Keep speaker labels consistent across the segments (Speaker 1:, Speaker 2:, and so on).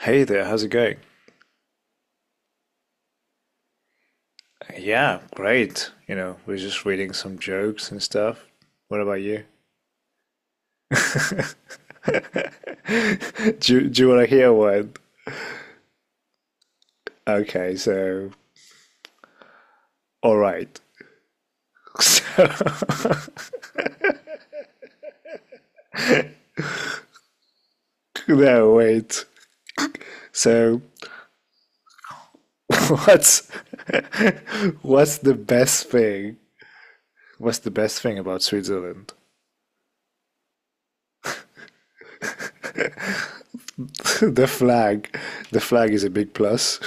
Speaker 1: Hey there, how's it going? Yeah, great. You know, we're just reading some jokes and stuff. What about you? Do you want to hear one? Okay, so, all right. So, no, wait. So, what's what's the best thing? What's the best thing about Switzerland? The flag. The flag is a big plus.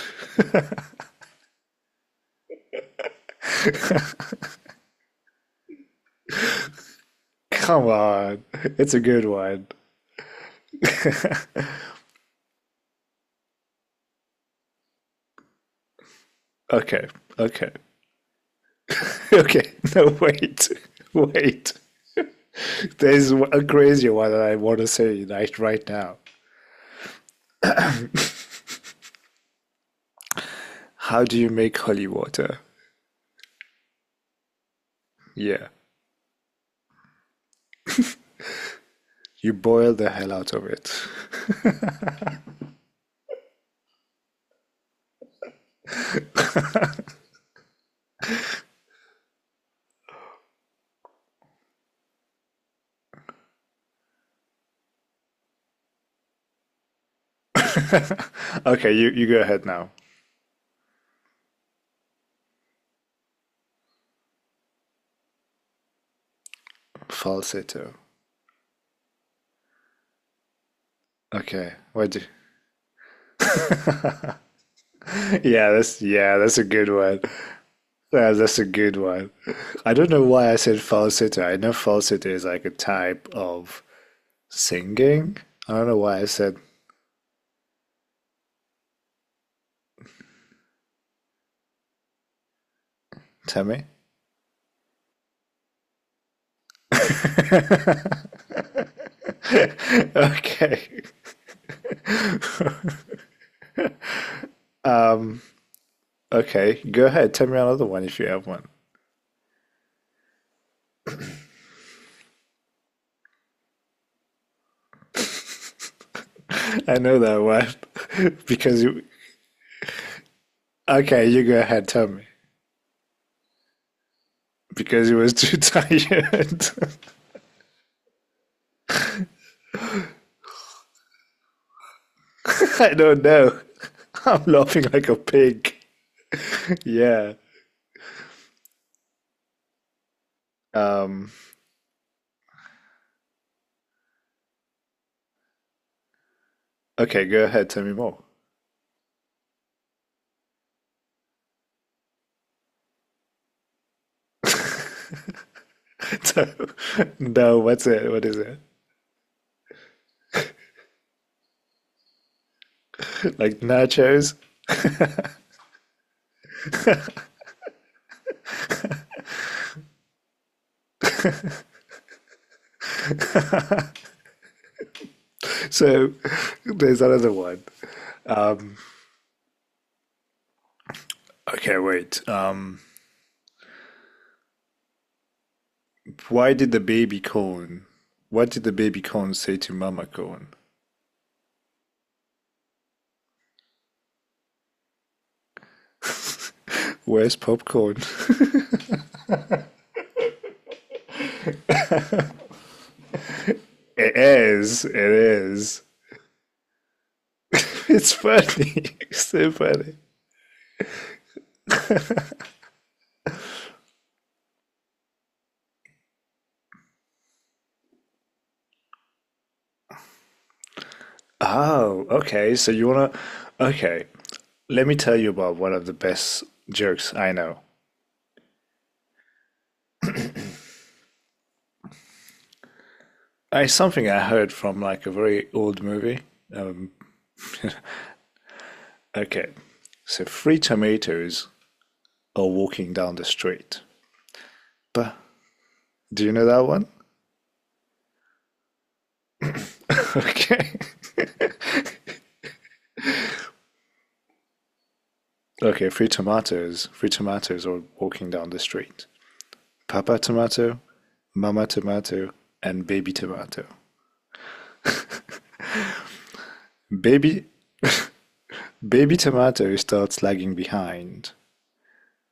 Speaker 1: Come on, it's a good one. Okay, okay, okay. No, wait, wait. There's a crazier one that I want to say right now. How do you make holy water? Yeah. You boil the hell out of it. okay, you go ahead now. Falsetto. Okay. What do. Yeah, that's a good one. Yeah, that's a good one. I don't know why I said falsetto. I know falsetto is like a type of singing. I don't know why I said tell me. okay. Um okay, go ahead, tell me another one if you have one. I know that one because you. Okay, you go ahead. Tell me because he was too tired. I don't know. I'm laughing like a pig. Yeah. Um. Okay, go ahead. Tell me more. So, no, what's it? What is it? Like nachos? So there's another one. Okay, wait. Why did the baby corn? What did the baby corn say to Mama corn? Where's popcorn? It is. It is. It's funny. so funny. Oh, okay. So you wanna? Okay. Let me tell you about one of the best jokes I know. It's something I heard from like a very old movie. Okay. So three tomatoes are walking down the street. But do you know that one? Okay. Okay, three tomatoes. Three tomatoes are walking down the street. Papa tomato, mama tomato, and baby tomato. Baby Baby Tomato starts lagging behind,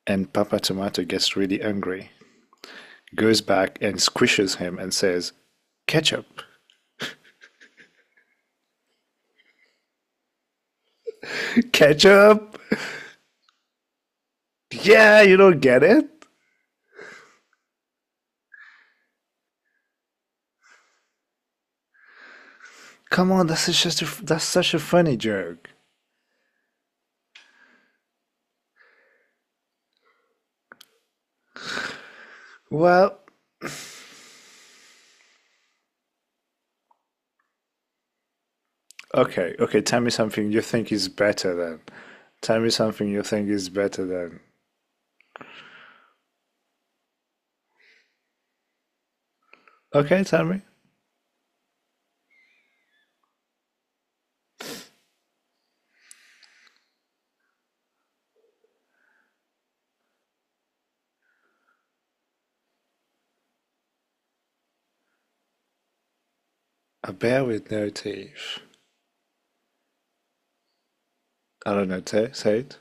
Speaker 1: and Papa Tomato gets really angry, goes back and squishes him and says, Ketchup! Ketchup! Yeah, you don't get it? Come on, that's such a funny joke. Well, okay, okay, tell me something you think is better then. Tell me something you think is better then. Okay, tell me. A bear with no teeth. I don't know, say it.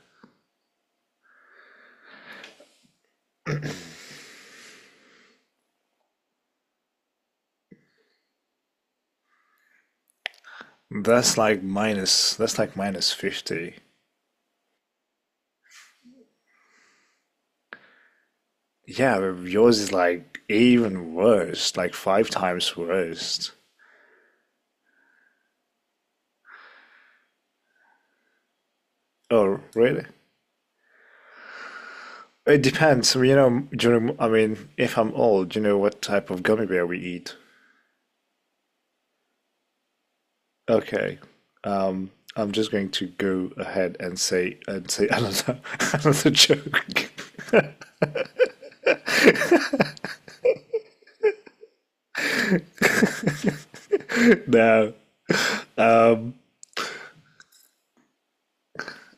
Speaker 1: That's like minus 50. Yeah, but yours is like even worse, like five times worse. Oh, really? It depends. You know, during, I mean, if I'm old, you know what type of gummy bear we eat. Okay, I'm just going to go ahead and say another another joke. Now,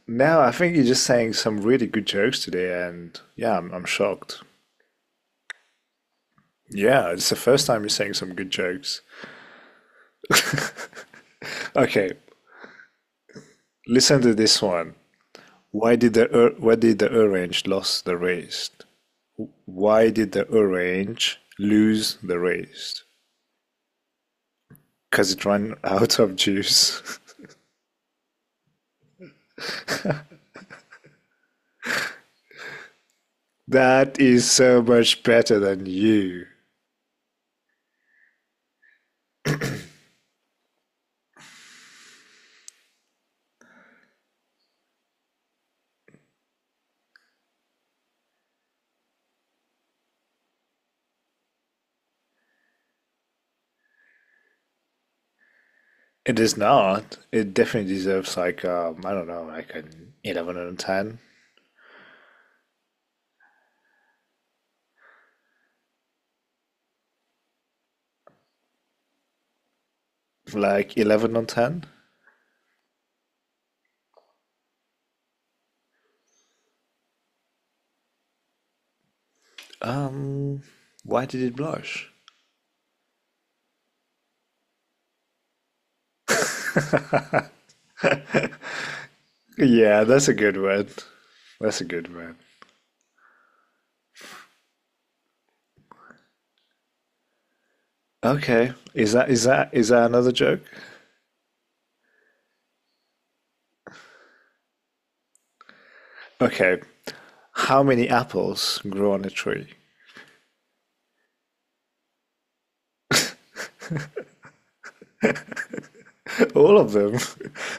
Speaker 1: now I think you're just saying some really good jokes today, and yeah, I'm shocked. Yeah, it's the first time you're saying some good jokes. Okay, listen to this one. Why did the orange lose the race? Why did the orange lose the race? Cause it ran out of juice. that is so much better than you. It is not. It definitely deserves like I don't know, like an 11 on ten, like 11 on ten. Um, why did it blush? Yeah, that's a good one. That's a good one. Okay, is that another joke? Okay, how many apples grow on a tree? All of them.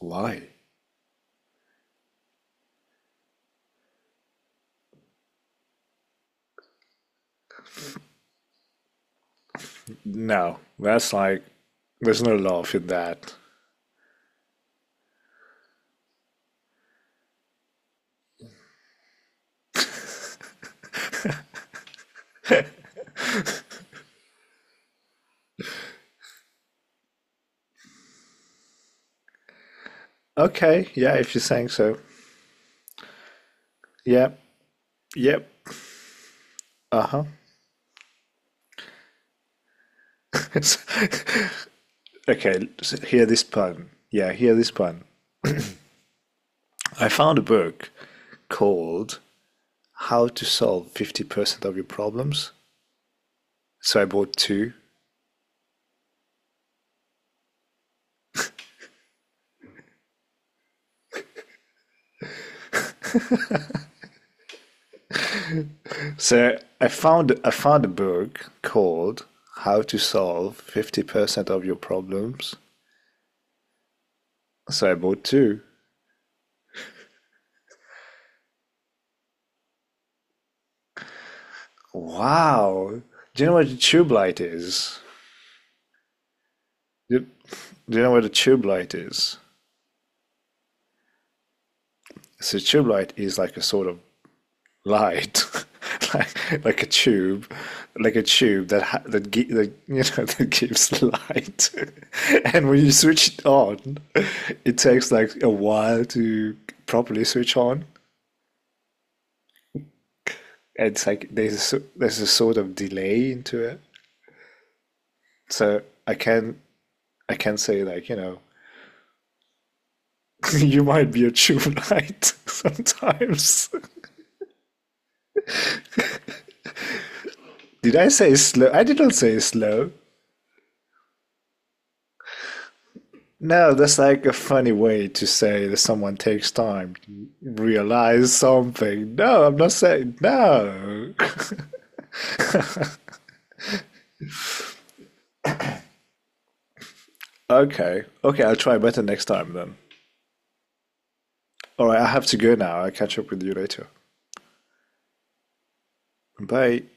Speaker 1: Why? No, that's like, there's no love in that. Okay, yeah, if you're saying so. Yep, yep, uh huh. okay, so hear this pun. Yeah, hear this pun. I found a book called How to Solve 50% of Your Problems. So I bought two. So I found a book called How to Solve 50% of Your Problems. So I bought two. Wow. Do you know what a tube light is? Do you know what a tube light is? So a tube light is like a sort of light, like a tube, like a tube that that gives light. And when you switch it on, it takes like a while to properly switch on. And it's like there's a sort of delay into it. So I can I can say, like, you might be a true knight sometimes. Did I say slow? I didn't say slow. No, that's like a funny way to say that someone takes time to realize something. No, I'm not saying no. okay, okay, I'll try better next time then. All right, I have to go now. I'll catch up with you later. Bye.